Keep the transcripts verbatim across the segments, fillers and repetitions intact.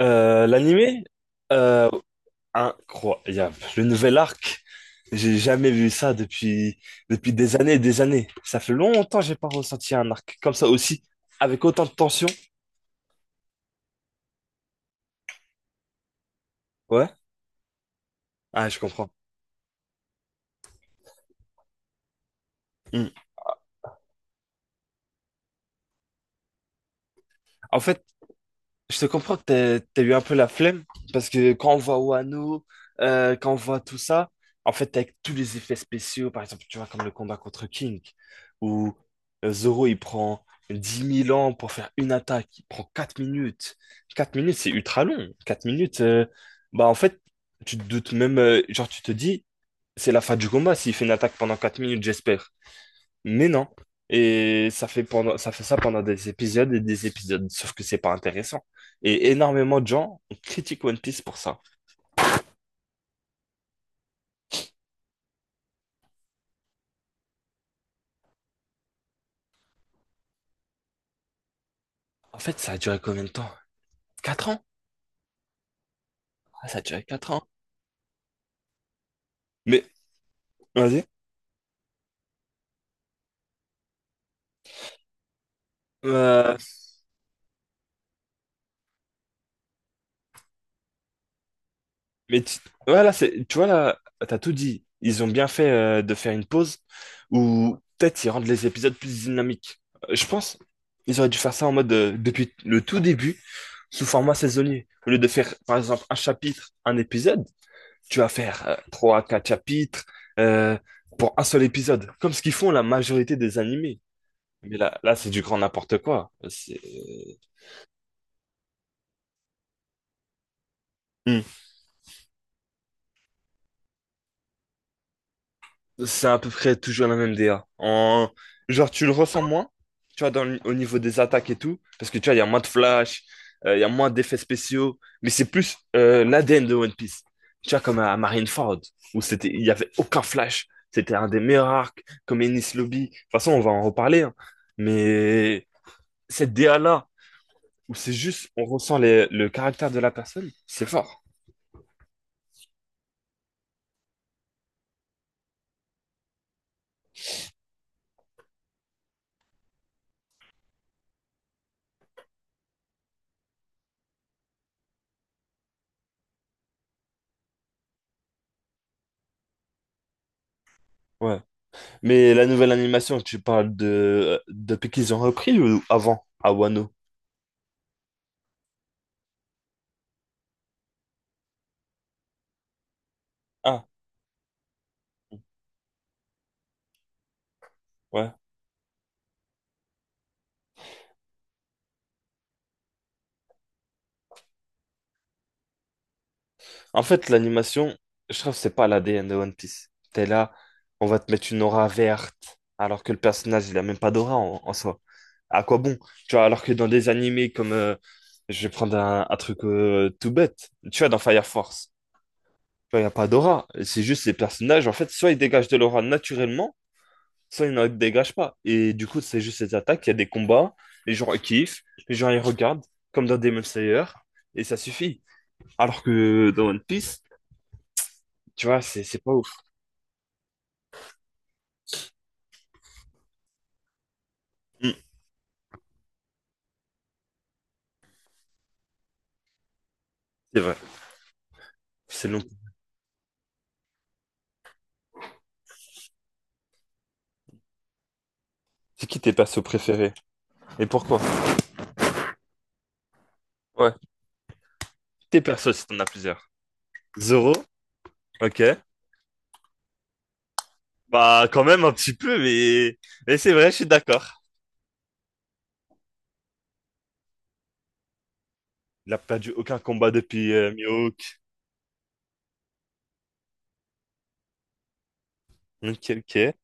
Euh, l'animé, euh, incroyable. Le nouvel arc, j'ai jamais vu ça depuis, depuis des années et des années. Ça fait longtemps que j'ai pas ressenti un arc comme ça aussi, avec autant de tension. Ouais, ah, je comprends. Hmm. En fait, je te comprends que t'as, t'as eu un peu la flemme, parce que quand on voit Wano, euh, quand on voit tout ça, en fait, avec tous les effets spéciaux, par exemple, tu vois, comme le combat contre King, où euh, Zoro, il prend dix mille ans pour faire une attaque, il prend quatre minutes. Quatre minutes, c'est ultra long. Quatre minutes, euh, bah en fait, tu te doutes même, euh, genre, tu te dis, c'est la fin du combat s'il fait une attaque pendant quatre minutes, j'espère. Mais non. Et ça fait pendant, ça fait ça pendant des épisodes et des épisodes, sauf que c'est pas intéressant. Et énormément de gens critiquent One Piece pour ça. En fait, ça a duré combien de temps? Quatre ans? Ah, ça a duré quatre ans. Mais, vas-y. Euh, mais tu- voilà, c'est, tu vois là, t'as tout dit. Ils ont bien fait euh, de faire une pause où peut-être ils rendent les épisodes plus dynamiques. Euh, Je pense ils auraient dû faire ça en mode euh, depuis le tout début, sous format saisonnier. Au lieu de faire, par exemple, un chapitre, un épisode, tu vas faire euh, trois à quatre chapitres euh, pour un seul épisode, comme ce qu'ils font la majorité des animés. Mais là, là c'est du grand n'importe quoi. C'est Hmm. C'est à peu près toujours la même D A. En... Genre, tu le ressens moins, tu vois, dans le- au niveau des attaques et tout, parce que tu vois, il y a moins de flash, euh, il y a moins d'effets spéciaux, mais c'est plus euh, l'A D N de One Piece. Tu vois, comme à Marineford, où c'était, il y avait aucun flash. C'était un des meilleurs arcs, comme Enies Lobby. De toute façon, on va en reparler, hein. Mais cette D A-là, où c'est juste, on ressent les- le caractère de la personne, c'est fort. Ouais. Mais la nouvelle animation, tu parles de depuis qu'ils ont repris ou avant, à Wano? Ah, ouais. En fait, l'animation, je trouve que c'est pas la l'A D N de One Piece. T'es là, on va te mettre une aura verte, alors que le personnage, il a même pas d'aura en, en soi. À quoi bon? Tu vois, alors que dans des animés comme... euh, je vais prendre un, un truc euh, tout bête. Tu vois, dans Fire Force. Il n'y a pas d'aura. C'est juste les personnages, en fait, soit ils dégagent de l'aura naturellement, soit ils n'en dégagent pas. Et du coup, c'est juste ces attaques, il y a des combats, les gens ils kiffent, les gens ils regardent, comme dans Demon Slayer, et ça suffit. Alors que dans One Piece, tu vois, c'est c'est pas ouf. Hmm, c'est vrai, c'est long. C'est qui tes persos préférés? Et pourquoi? Ouais, tes persos si t'en as plusieurs. Zoro? Ok. Bah, quand même un petit peu, mais, mais c'est vrai, je suis d'accord. Il a perdu aucun combat depuis euh, Mihawk. Ok, ok.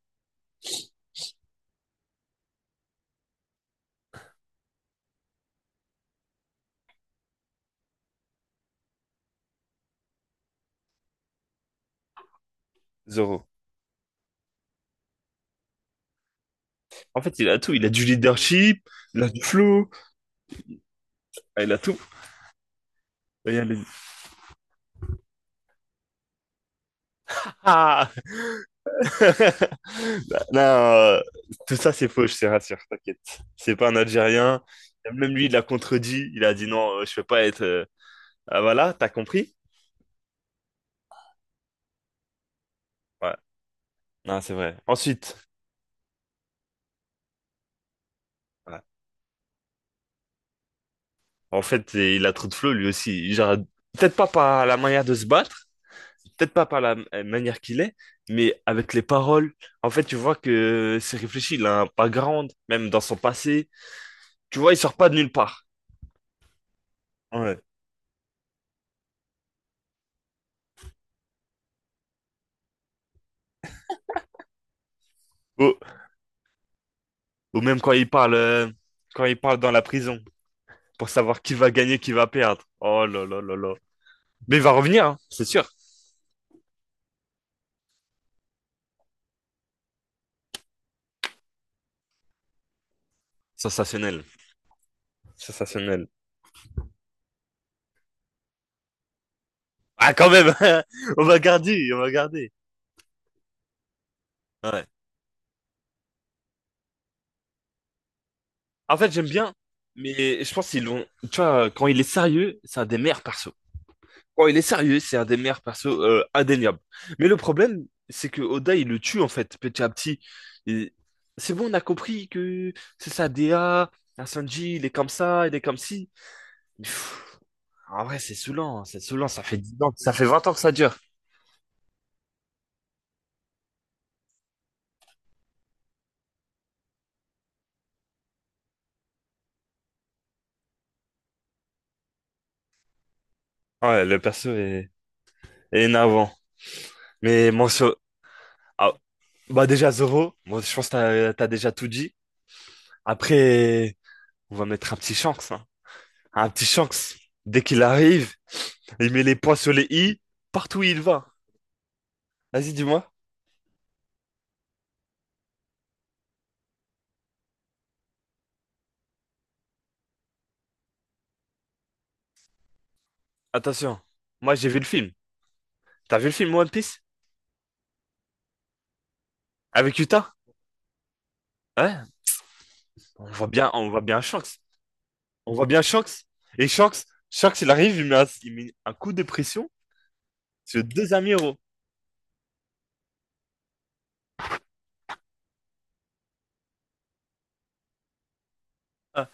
Zoro. En fait, il a tout. Il a du leadership, il a du flow, ah, il a tout. Et elle est- Ah. Bah, non, euh, tout ça c'est faux, je te rassure, t'inquiète. C'est pas un Algérien. Même lui, il l'a contredit. Il a dit non, euh, je peux pas être. euh, Ah, voilà, t'as compris? Ouais. Non, c'est vrai. Ensuite, ouais. En fait, il a trop de flow lui aussi. Genre, peut-être pas par la manière de se battre, peut-être pas par la euh, manière qu'il est, mais avec les paroles. En fait, tu vois que c'est réfléchi. Il a un background, même dans son passé. Tu vois, il sort pas de nulle part. Ouais. Ou, ou même quand il parle, euh, quand il parle dans la prison pour savoir qui va gagner, qui va perdre. Oh là là là là. Mais il va revenir, hein, c'est sûr. Sensationnel. Sensationnel. Ah, quand même, on va garder, on va garder. Ouais. En fait, j'aime bien, mais je pense qu'ils l'ont. Tu vois, quand il est sérieux, c'est un des meilleurs persos. Oh, il est sérieux, c'est un des meilleurs persos euh, indéniable. Mais le problème, c'est que Oda, il le tue en fait, petit à petit. Et c'est bon, on a compris que c'est ça, D A, un Sanji, il est comme ça, il est comme ci. Mais pff, en vrai, c'est saoulant, hein, c'est saoulant, ça fait dix ans, ça fait vingt ans que ça dure. Ouais, le perso est, est énervant. Mais mon so- ah, bah déjà Zoro, moi, je pense que t'as, t'as déjà tout dit. Après, on va mettre un petit chance. Un petit Shanks, dès qu'il arrive, il met les points sur les i, partout où il va. Vas-y, dis-moi. Attention, moi j'ai vu le film. T'as vu le film One Piece? Avec Utah? Ouais, on voit bien, on voit bien Shanks. On voit bien Shanks. Et Shanks, Shanks, il arrive, il met un, il met un coup de pression sur deux amiraux. Ah,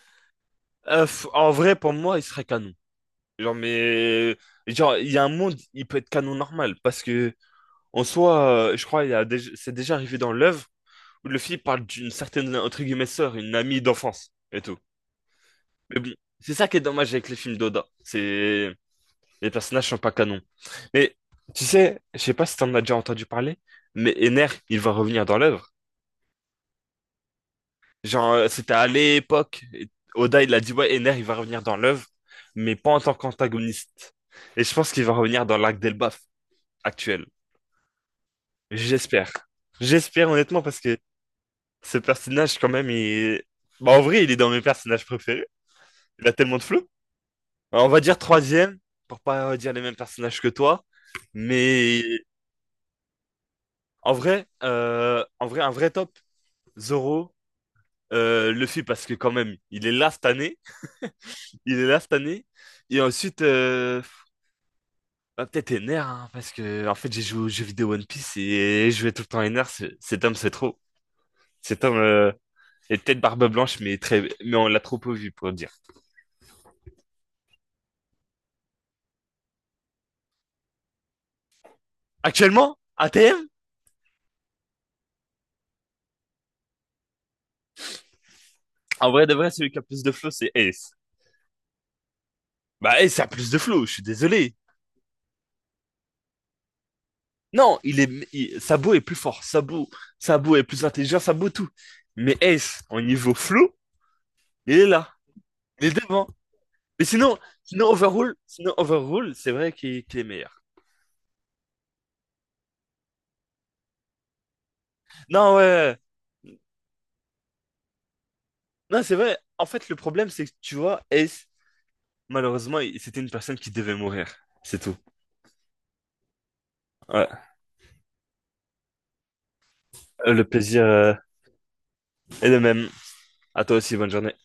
euh, f- en vrai, pour moi, il serait canon. Genre, mais genre, il y a un monde, il peut être canon normal parce que en soi, euh, je crois, il y a déjà- c'est déjà arrivé dans l'œuvre. Luffy parle d'une certaine, entre guillemets, sœur, une amie d'enfance et tout. Mais bon, c'est ça qui est dommage avec les films d'Oda. C'est, les personnages sont pas canons. Mais, tu sais, je sais pas si t'en as déjà entendu parler, mais Ener, il va revenir dans l'œuvre. Genre, euh, c'était à l'époque, et Oda, il a dit, ouais, Ener, il va revenir dans l'œuvre, mais pas en tant qu'antagoniste. Et je pense qu'il va revenir dans l'arc d'Elbaf actuel. J'espère. J'espère, honnêtement, parce que ce personnage, quand même, il, bah, en vrai, il est dans mes personnages préférés. Il a tellement de flow. Alors, on va dire troisième, pour pas dire les mêmes personnages que toi. Mais en vrai, euh, en vrai, un vrai top, Zoro, euh, Luffy, parce que quand même, il est là cette année. Il est là cette année. Et ensuite, euh, bah, peut-être Ener, hein, parce que en fait, j'ai joué aux jeux vidéo One Piece et je jouais tout le temps Ener. Ce- Cet homme, c'est trop. Cet homme euh, est peut-être barbe blanche, mais très, mais on l'a trop peu vu pour le dire. Actuellement, A T M, en vrai de vrai, celui qui a plus de flow, c'est Ace. Bah, Ace a plus de flow, je suis désolé. Non, il est, il- Sabo est plus fort. Sabo, Sabo est plus intelligent. Sabo tout. Mais Ace, en niveau flow, il est là. Il est devant. Mais sinon, sinon Overrule, sinon Overrule, c'est vrai qu'il qu'il est meilleur. Non, ouais. Ouais, ouais. Non, c'est vrai. En fait, le problème, c'est que tu vois, Ace, malheureusement, il- c'était une personne qui devait mourir. C'est tout. Ouais. Euh, Le plaisir euh, est le même. À toi aussi, bonne journée.